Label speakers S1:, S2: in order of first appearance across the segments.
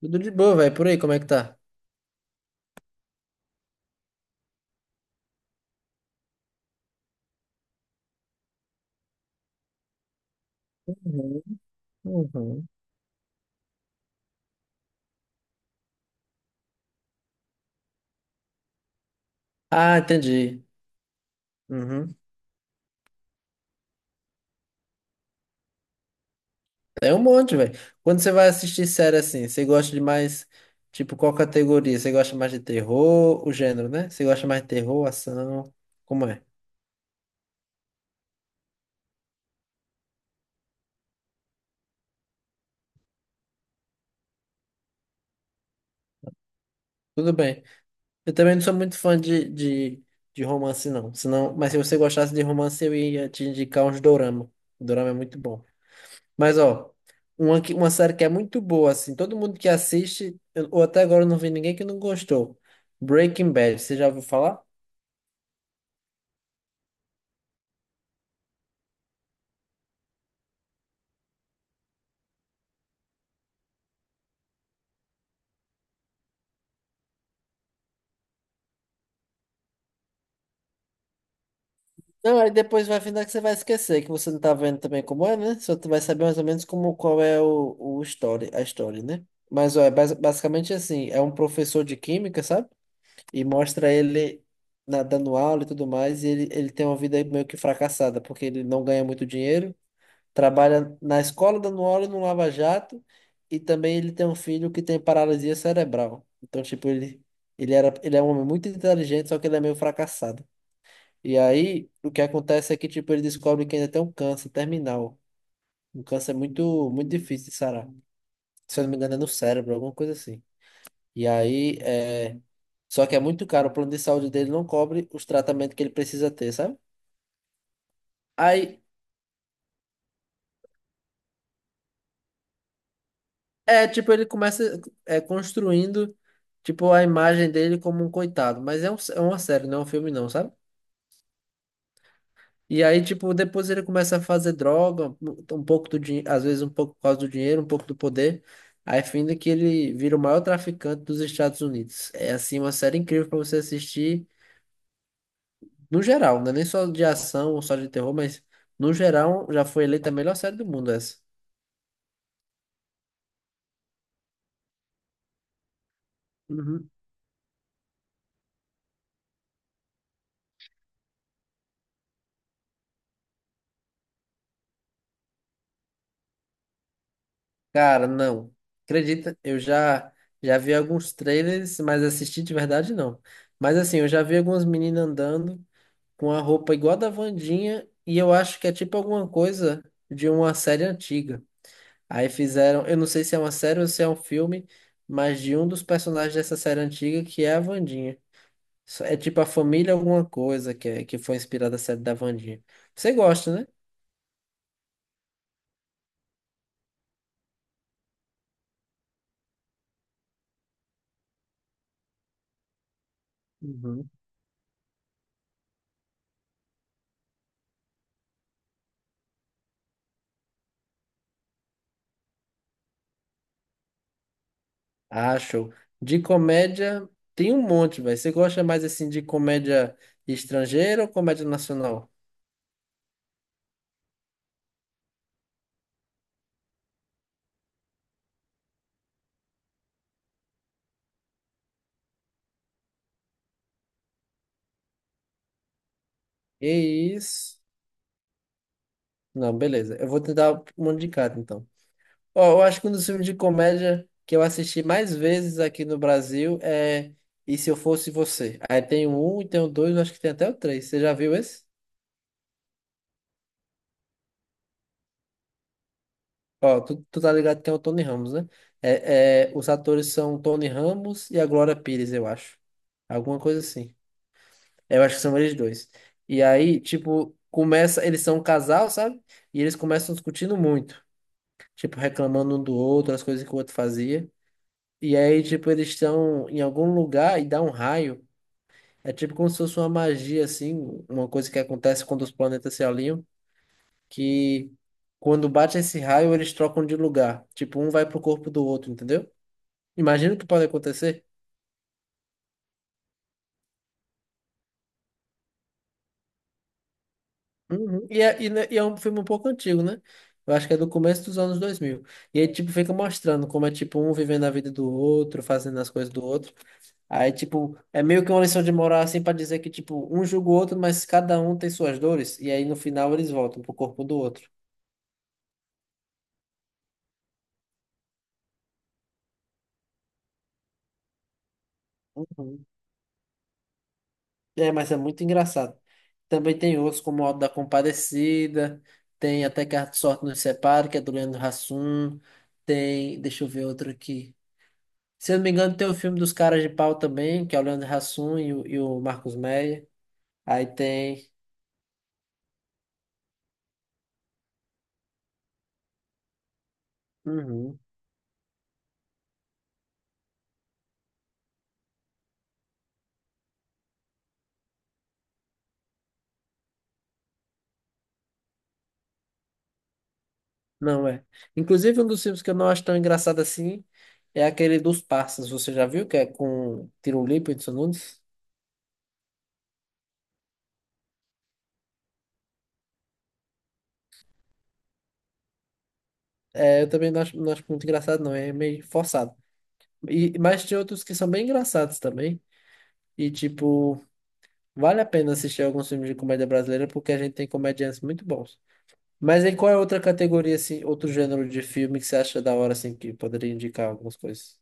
S1: Tudo de boa, velho. Por aí, como é que tá? Uhum, uhum. Ah, entendi. Uhum. É um monte, velho. Quando você vai assistir série assim, você gosta de mais, tipo, qual categoria? Você gosta mais de terror, o gênero, né? Você gosta mais de terror, ação? Como é? Tudo bem. Eu também não sou muito fã de romance, não. Senão, mas se você gostasse de romance, eu ia te indicar uns dorama. O dorama é muito bom. Mas, ó, uma série que é muito boa, assim, todo mundo que assiste, ou até agora eu não vi ninguém que não gostou. Breaking Bad, você já ouviu falar? Não, aí depois vai findar que você vai esquecer, que você não tá vendo também como é, né? Só tu vai saber mais ou menos como, qual é o story, a história, né? Mas, ó, é basicamente assim, é um professor de química, sabe? E mostra ele dando aula e tudo mais, e ele tem uma vida meio que fracassada, porque ele não ganha muito dinheiro. Trabalha na escola dando aula no Lava Jato e também ele tem um filho que tem paralisia cerebral. Então, tipo, ele é um homem muito inteligente, só que ele é meio fracassado. E aí, o que acontece é que, tipo, ele descobre que ainda tem um câncer terminal. Um câncer muito, muito difícil de sarar. Se eu não me engano, é no cérebro, alguma coisa assim. E aí, é... Só que é muito caro, o plano de saúde dele não cobre os tratamentos que ele precisa ter, sabe? Aí, é, tipo, ele começa é, construindo, tipo, a imagem dele como um coitado. Mas é uma série, não é um filme, não, sabe? E aí, tipo, depois ele começa a fazer droga, um pouco do dinheiro, às vezes um pouco por causa do dinheiro, um pouco do poder. Aí, fim que ele vira o maior traficante dos Estados Unidos. É, assim, uma série incrível para você assistir, no geral, não é nem só de ação ou só de terror, mas no geral já foi eleita a melhor série do mundo essa. Uhum. Cara, não. Acredita, eu já já vi alguns trailers, mas assisti de verdade não. Mas assim, eu já vi algumas meninas andando com a roupa igual a da Wandinha e eu acho que é tipo alguma coisa de uma série antiga. Aí fizeram, eu não sei se é uma série ou se é um filme, mas de um dos personagens dessa série antiga que é a Wandinha. É tipo a família alguma coisa que foi inspirada da série da Wandinha. Você gosta, né? Uhum. Ah, show. De comédia, tem um monte, velho. Você gosta mais assim de comédia estrangeira ou comédia nacional? Que isso? Não, beleza. Eu vou tentar uma de cada, então. Ó, eu acho que um dos filmes de comédia que eu assisti mais vezes aqui no Brasil é E Se Eu Fosse Você. Aí tem o um e tem o dois, eu acho que tem até o três. Você já viu esse? Ó, tu tá ligado que tem o Tony Ramos, né? Os atores são o Tony Ramos e a Glória Pires, eu acho. Alguma coisa assim. Eu acho que são eles dois. E aí, tipo, começa. Eles são um casal, sabe? E eles começam discutindo muito. Tipo, reclamando um do outro, as coisas que o outro fazia. E aí, tipo, eles estão em algum lugar e dá um raio. É tipo como se fosse uma magia, assim, uma coisa que acontece quando os planetas se alinham, que quando bate esse raio, eles trocam de lugar. Tipo, um vai pro corpo do outro, entendeu? Imagina o que pode acontecer. Uhum. E é um filme um pouco antigo, né? Eu acho que é do começo dos anos 2000. E aí, tipo, fica mostrando como é, tipo, um vivendo a vida do outro, fazendo as coisas do outro. Aí, tipo, é meio que uma lição de moral, assim, pra dizer que, tipo, um julga o outro, mas cada um tem suas dores. E aí, no final, eles voltam pro corpo do outro. Uhum. É, mas é muito engraçado. Também tem outros, como o Auto da Compadecida. Tem até Que a Sorte Nos Separe, que é do Leandro Hassum. Tem, deixa eu ver outro aqui. Se eu não me engano, tem o filme dos Caras de Pau também, que é o Leandro Hassum e o Marcos Meyer. Aí tem. Uhum. Não é. Inclusive, um dos filmes que eu não acho tão engraçado assim é aquele dos Parças. Você já viu? Que é com Tirulipo e Edson Nunes? É, eu também não acho, não acho muito engraçado, não. É meio forçado. E, mas tem outros que são bem engraçados também. E, tipo, vale a pena assistir alguns filmes de comédia brasileira porque a gente tem comediantes muito bons. Mas aí qual é outra categoria, assim, outro gênero de filme que você acha da hora, assim, que poderia indicar algumas coisas?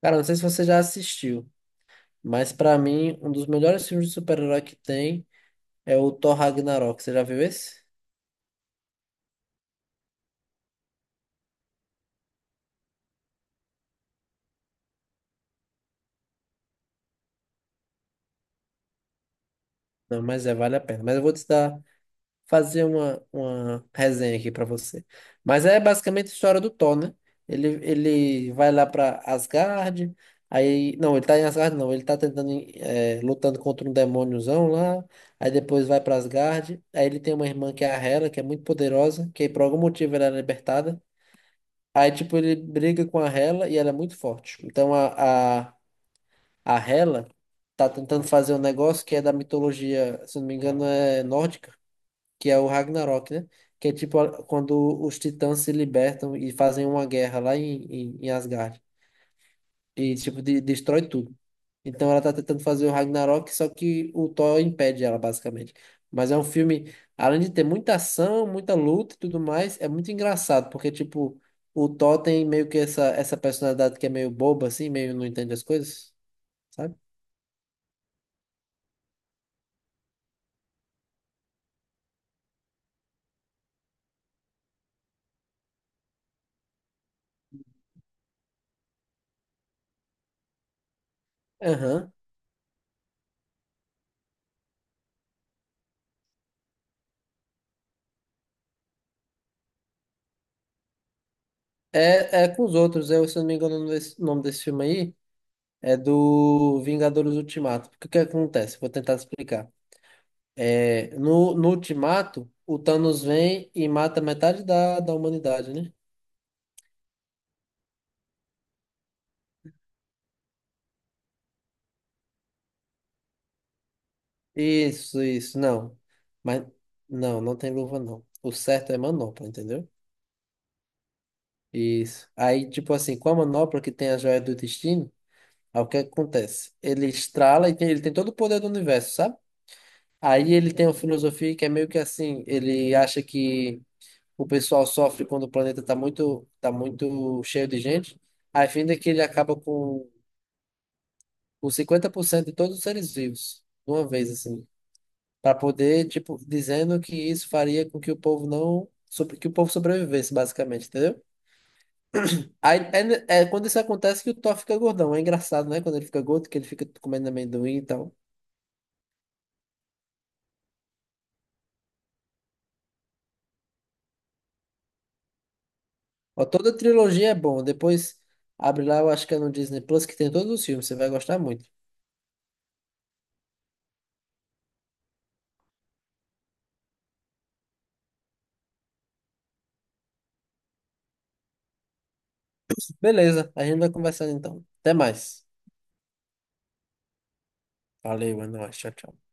S1: Cara, não sei se você já assistiu, mas pra mim, um dos melhores filmes de super-herói que tem é o Thor Ragnarok. Você já viu esse? Não, mas é, vale a pena. Mas eu vou te dar Fazer uma resenha aqui pra você. Mas é basicamente a história do Thor, né? Ele vai lá pra Asgard, aí... Não, ele tá em Asgard, não. Ele tá tentando, lutando contra um demôniozão lá, aí depois vai pra Asgard, aí ele tem uma irmã que é a Hela, que é muito poderosa, que por algum motivo ela é libertada. Aí, tipo, ele briga com a Hela e ela é muito forte. Então, a Hela tá tentando fazer um negócio que é da mitologia, se não me engano, é nórdica, que é o Ragnarok, né? Que é tipo quando os titãs se libertam e fazem uma guerra lá em Asgard. E tipo, destrói tudo. Então ela tá tentando fazer o Ragnarok, só que o Thor impede ela, basicamente. Mas é um filme, além de ter muita ação, muita luta e tudo mais, é muito engraçado, porque tipo, o Thor tem meio que essa personalidade que é meio boba, assim, meio não entende as coisas, sabe? Aham. É, é com os outros, eu, se eu não me engano, o nome desse filme aí é do Vingadores Ultimato. Porque o que acontece? Vou tentar explicar. É, no Ultimato, o Thanos vem e mata metade da humanidade, né? Isso, não. Mas não tem luva, não. O certo é manopla, entendeu? Isso. Aí, tipo assim, com a manopla que tem a joia do destino, aí o que acontece? Ele estrala e ele tem todo o poder do universo, sabe? Aí ele tem uma filosofia que é meio que assim, ele acha que o pessoal sofre quando o planeta está tá muito cheio de gente, a fim de que ele acaba com 50% de todos os seres vivos, de uma vez, assim, para poder, tipo, dizendo que isso faria com que o povo não, sobre, que o povo sobrevivesse, basicamente, entendeu? Aí, é, é quando isso acontece que o Thor fica gordão, é engraçado, né? Quando ele fica gordo, que ele fica comendo amendoim e tal. Ó, toda a trilogia é bom, depois... Abre lá, eu acho que é no Disney Plus, que tem todos os filmes, você vai gostar muito. Beleza, a gente vai conversando então. Até mais. Valeu, é nóis. Tchau, tchau.